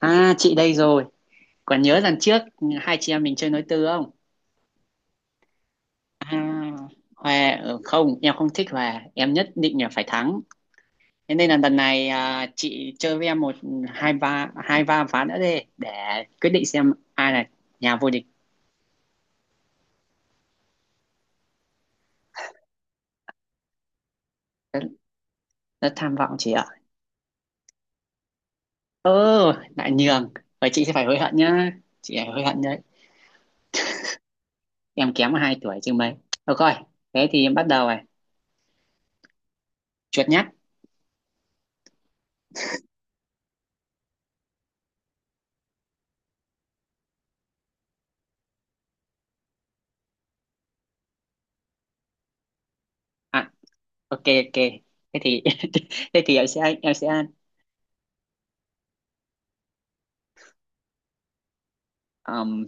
À, chị đây rồi, còn nhớ lần trước hai chị em mình chơi nối tư không? À, Hòa không, em không thích Hòa, em nhất định là phải thắng. Thế nên là lần này à, chị chơi với em một hai ba ván nữa đi để quyết định xem ai là nhà vô địch. Rất, rất tham vọng chị ạ. Ơ, lại nhường. Và chị sẽ phải hối hận nhá. Chị phải hối hận đấy. Em kém 2 tuổi chứ mấy. Được rồi, thế thì em bắt đầu này. Chuột nhắt. À, ok ok. Thế thì thế thì em sẽ um,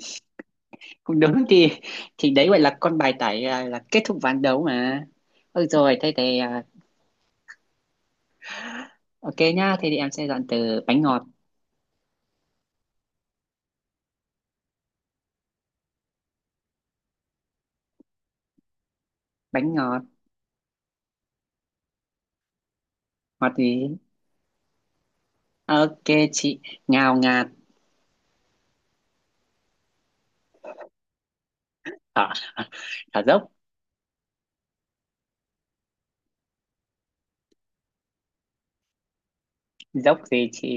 cũng đúng thì đấy gọi là con bài tải à, là kết thúc ván đấu mà ừ rồi thế thì à, ok nhá thế thì em sẽ dọn từ bánh ngọt. Bánh ngọt, ngọt gì? Ok chị, ngào ngạt. Ở, ở dốc. Dốc gì chị?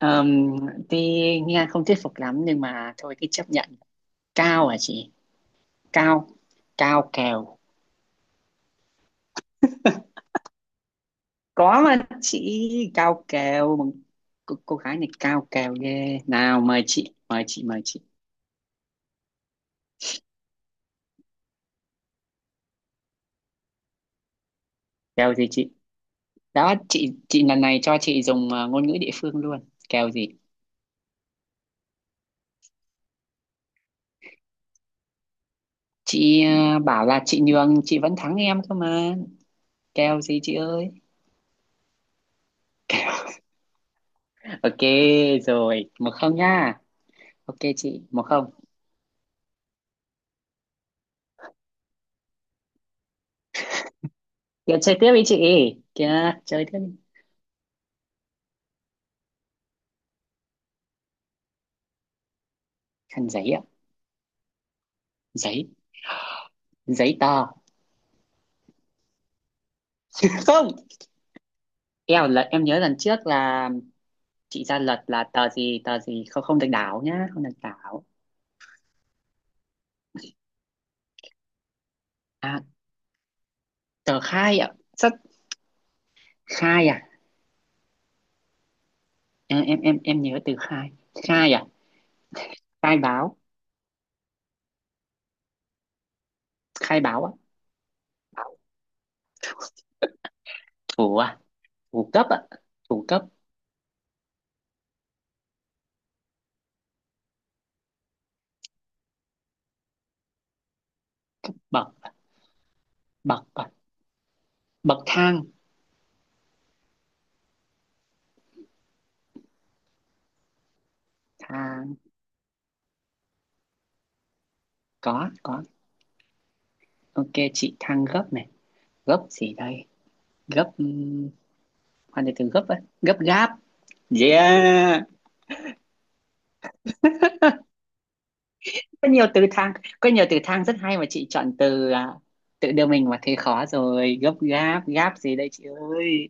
um, thì nghe không thuyết phục lắm nhưng mà thôi cứ chấp nhận. Cao hả chị? Cao, cao kèo. Có mà chị, cao kèo. Cô gái này cao kèo ghê, nào mời chị mời chị mời chị. Kèo gì chị? Đó, chị lần này cho chị dùng ngôn ngữ địa phương luôn. Kèo gì? Chị bảo là chị nhường chị vẫn thắng em cơ mà. Kèo gì chị ơi? Ok rồi, một không nha. Ok chị, một không. Kìa chơi tiếp đi chị. Kìa chơi tiếp đi. Khăn giấy ạ. Giấy, giấy tờ. Không. Kèo lần em nhớ lần trước là chị ra luật là tờ gì không không được đảo nhá, không được đảo. À, tờ khai ạ. Rất khai à. Em nhớ từ khai. Khai à? Khai báo, khai báo á. Thủ à? Thủ cấp á, thủ cấp. Bậc à? Bậc à? Bậc thang. Thang, có có. Ok chị, thang gấp này. Gấp gì đây? Gấp, hoàn từ từ gấp á, gấp gáp. Yeah, có nhiều từ thang, có nhiều từ thang rất hay mà chị chọn từ à, tự đưa mình vào thế khó rồi. Gấp gáp, gáp gì đây chị ơi?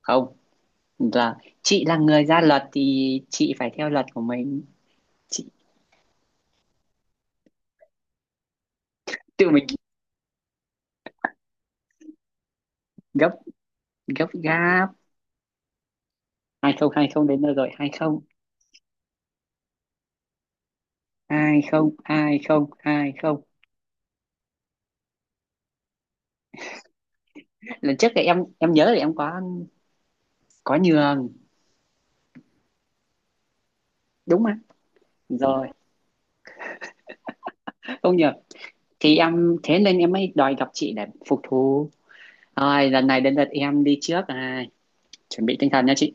Không, là chị là người ra luật thì chị phải theo luật của mình. Chị tự mình, gấp, gấp gáp. Hai không, hai không đến nơi rồi. Hai không. Lần trước thì em nhớ là em có nhường đúng không? Rồi không nhờ, thì em thế nên em mới đòi gặp chị để phục thù. Rồi lần này đến lượt em đi trước à, chuẩn bị tinh thần nha chị.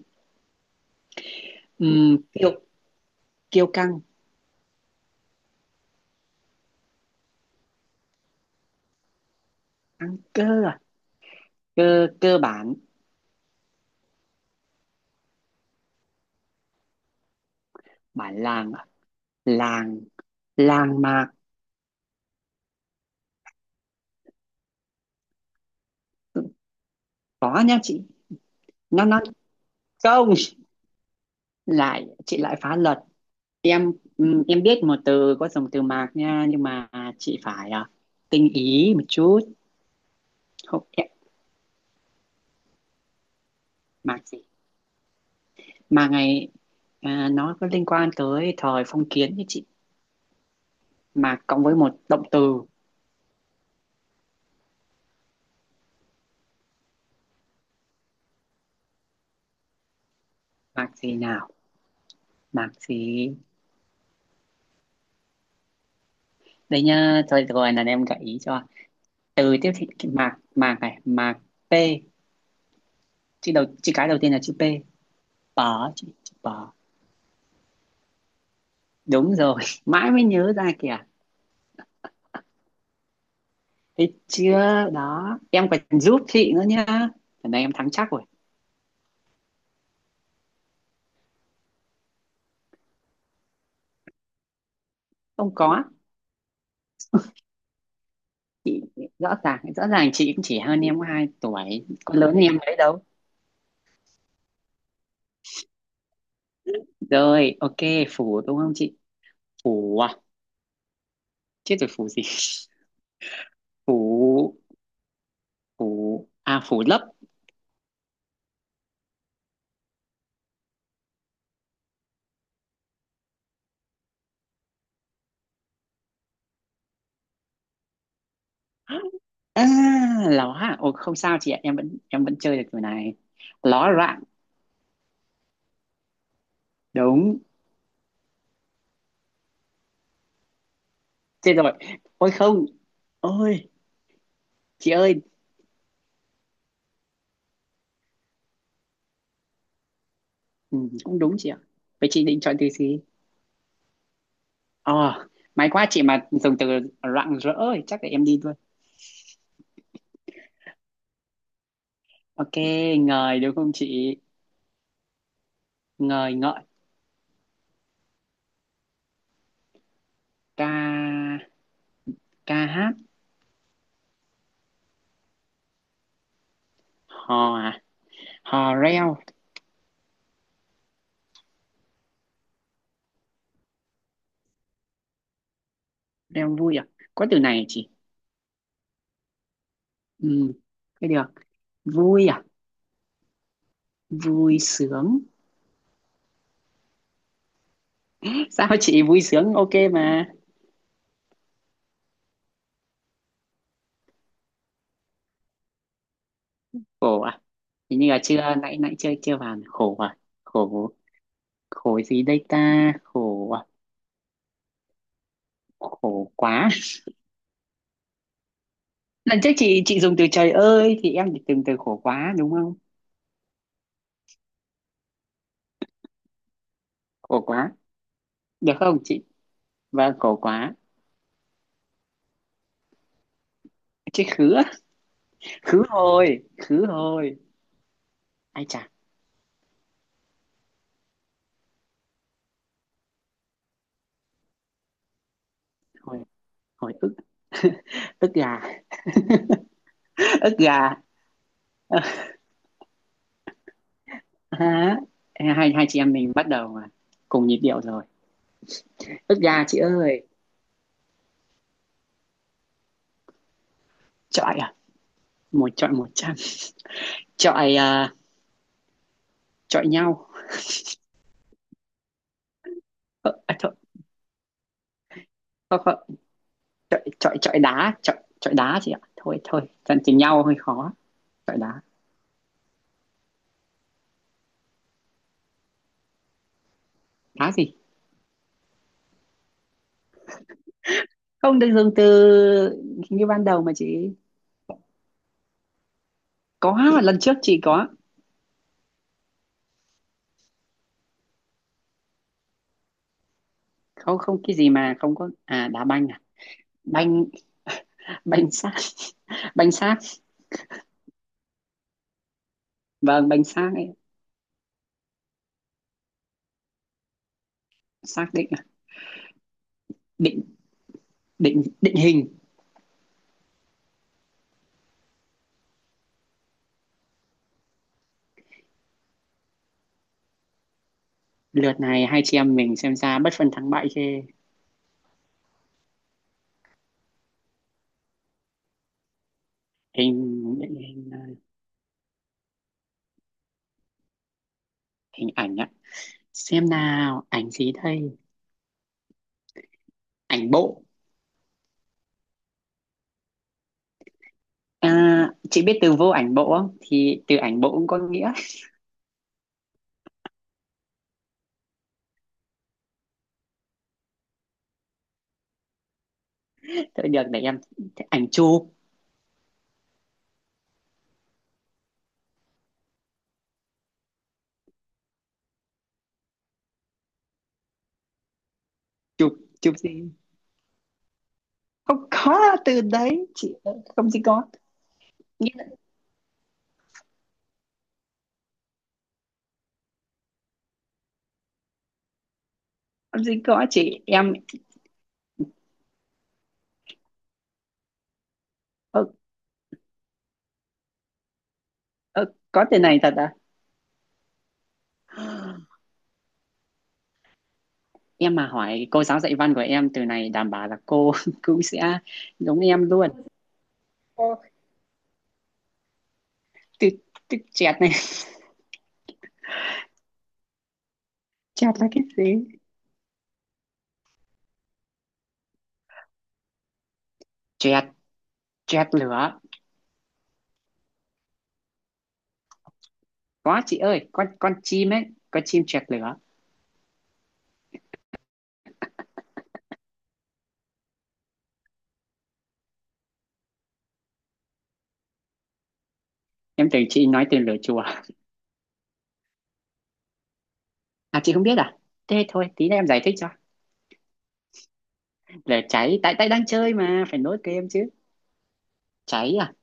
Kiêu, kiêu căng. Căng cơ à? Cơ, cơ bản. Bản làng à? Làng, làng mạc. Có nha chị, nó không, lại chị lại phá luật. Em, em biết một từ có dùng từ mạc nha nhưng mà chị phải à, tinh ý một chút. Không em, mạc gì mà ngày, à, nó có liên quan tới thời phong kiến như chị, mạc cộng với một động từ. Mạc gì nào, mạc gì đây? Nha thôi được rồi, là em gợi ý cho từ tiếp thị cái mạc, mạc này, mạc p. Chị đầu chị cái đầu tiên là chữ p, bở chị, chữ bở. Đúng rồi, mãi mới nhớ ra kìa. Thấy chưa? Đó, em còn giúp chị nữa nhá. Lần này em thắng chắc rồi. Không có, rõ ràng chị cũng chỉ hơn em 2 tuổi, có lớn hơn em mấy đâu. Rồi, ok, phủ đúng không chị? Phủ à? Chết rồi phủ gì? Phủ, phủ, à phủ lấp. À, ló à? Ồ, không sao chị ạ, em vẫn chơi được kiểu này. Ló loạn, đúng. Chết rồi. Ôi không, ôi, chị ơi, ừ, cũng đúng chị ạ. Vậy chị định chọn từ gì? Ờ, may quá chị mà dùng từ rạng rỡ thì chắc là em đi luôn. Ok, ngời đúng không chị? Ngời ngợi, ca, ca hát. Hò à? Hò reo. Reo vui à? Có từ này à chị? Ừ, cái được. Vui à? Vui sướng. Sao chị vui sướng ok mà? Khổ à? Hình như là chưa, nãy nãy chưa chưa vào khổ à? Khổ, khổ gì đây ta? Khổ à? Khổ quá. Lần trước chị dùng từ trời ơi thì em chỉ dùng từ khổ quá đúng không? Khổ quá, được không chị? Vâng khổ quá. Chị khứ á. Khứ hồi, khứ hồi. Ai chà, hồi, hồi ức. Ức gà. Ức gà hả? Hai, hai chị em mình bắt đầu mà cùng nhịp điệu rồi. Ức gà chị ơi. Chọi à? Một chọi một trăm. Chọi à, chọi nhau. Ờ, à, thôi, thôi, thôi, chọi chọi chọi đá, chọi chọi đá chị ạ, thôi thôi dần chỉnh nhau hơi khó. Chọi đá. Đá gì? Không được dùng từ như ban đầu mà chị. Có mà, lần trước chị có. Không không, cái gì mà không có? À đá banh à? Banh, banh xác. Banh xác, vâng banh xác ấy. Xác định à? Định, định hình. Lượt này hai chị em mình xem ra bất phân thắng bại chê. Hình, định hình à, hình ảnh ạ. Xem nào ảnh gì đây? Ảnh bộ. À, chị biết từ vô ảnh bộ không? Thì từ ảnh bộ cũng có nghĩa. Thôi được để em, ảnh chụp. Chụp, chụp gì? Không có từ đấy chị. Không gì có, nghĩa là không gì có chị em. Ờ, Ơ, có từ này thật à? Em mà hỏi cô giáo dạy văn của em từ này đảm bảo là cô cũng sẽ giống em luôn. Cô-, từ, từ chẹt này, chẹt là cái gì? Chẹt, chẹt lửa. Có chị ơi, con chim ấy, con chim chẹt lửa. Em tưởng chị nói từ lửa chùa. À chị không biết à? Thế thôi, tí nữa em giải thích cho. Lửa cháy, tại tại đang chơi mà, phải nối kem chứ. Cháy à?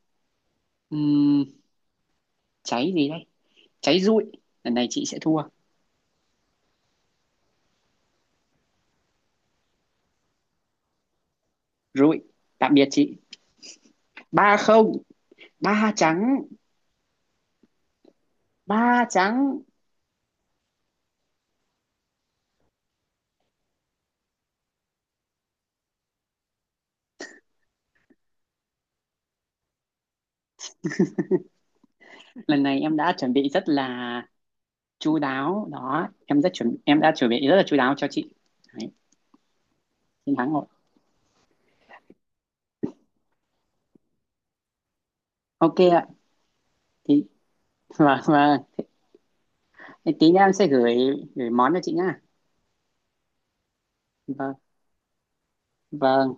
Ừm, cháy gì đây? Cháy rụi. Lần này chị sẽ thua. Rụi. Tạm biệt chị. Ba không, ba trắng, ba trắng. Lần này em đã chuẩn bị rất là chu đáo đó, em rất chuẩn, em đã chuẩn bị rất là chu đáo cho chị. Đấy, chiến thắng rồi. Ok ạ, thì vâng vâng. Thế tí nữa em sẽ gửi, gửi món cho chị nhá. Vâng vâng,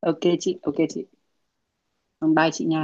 ok chị, ok chị. Bye bye chị nha.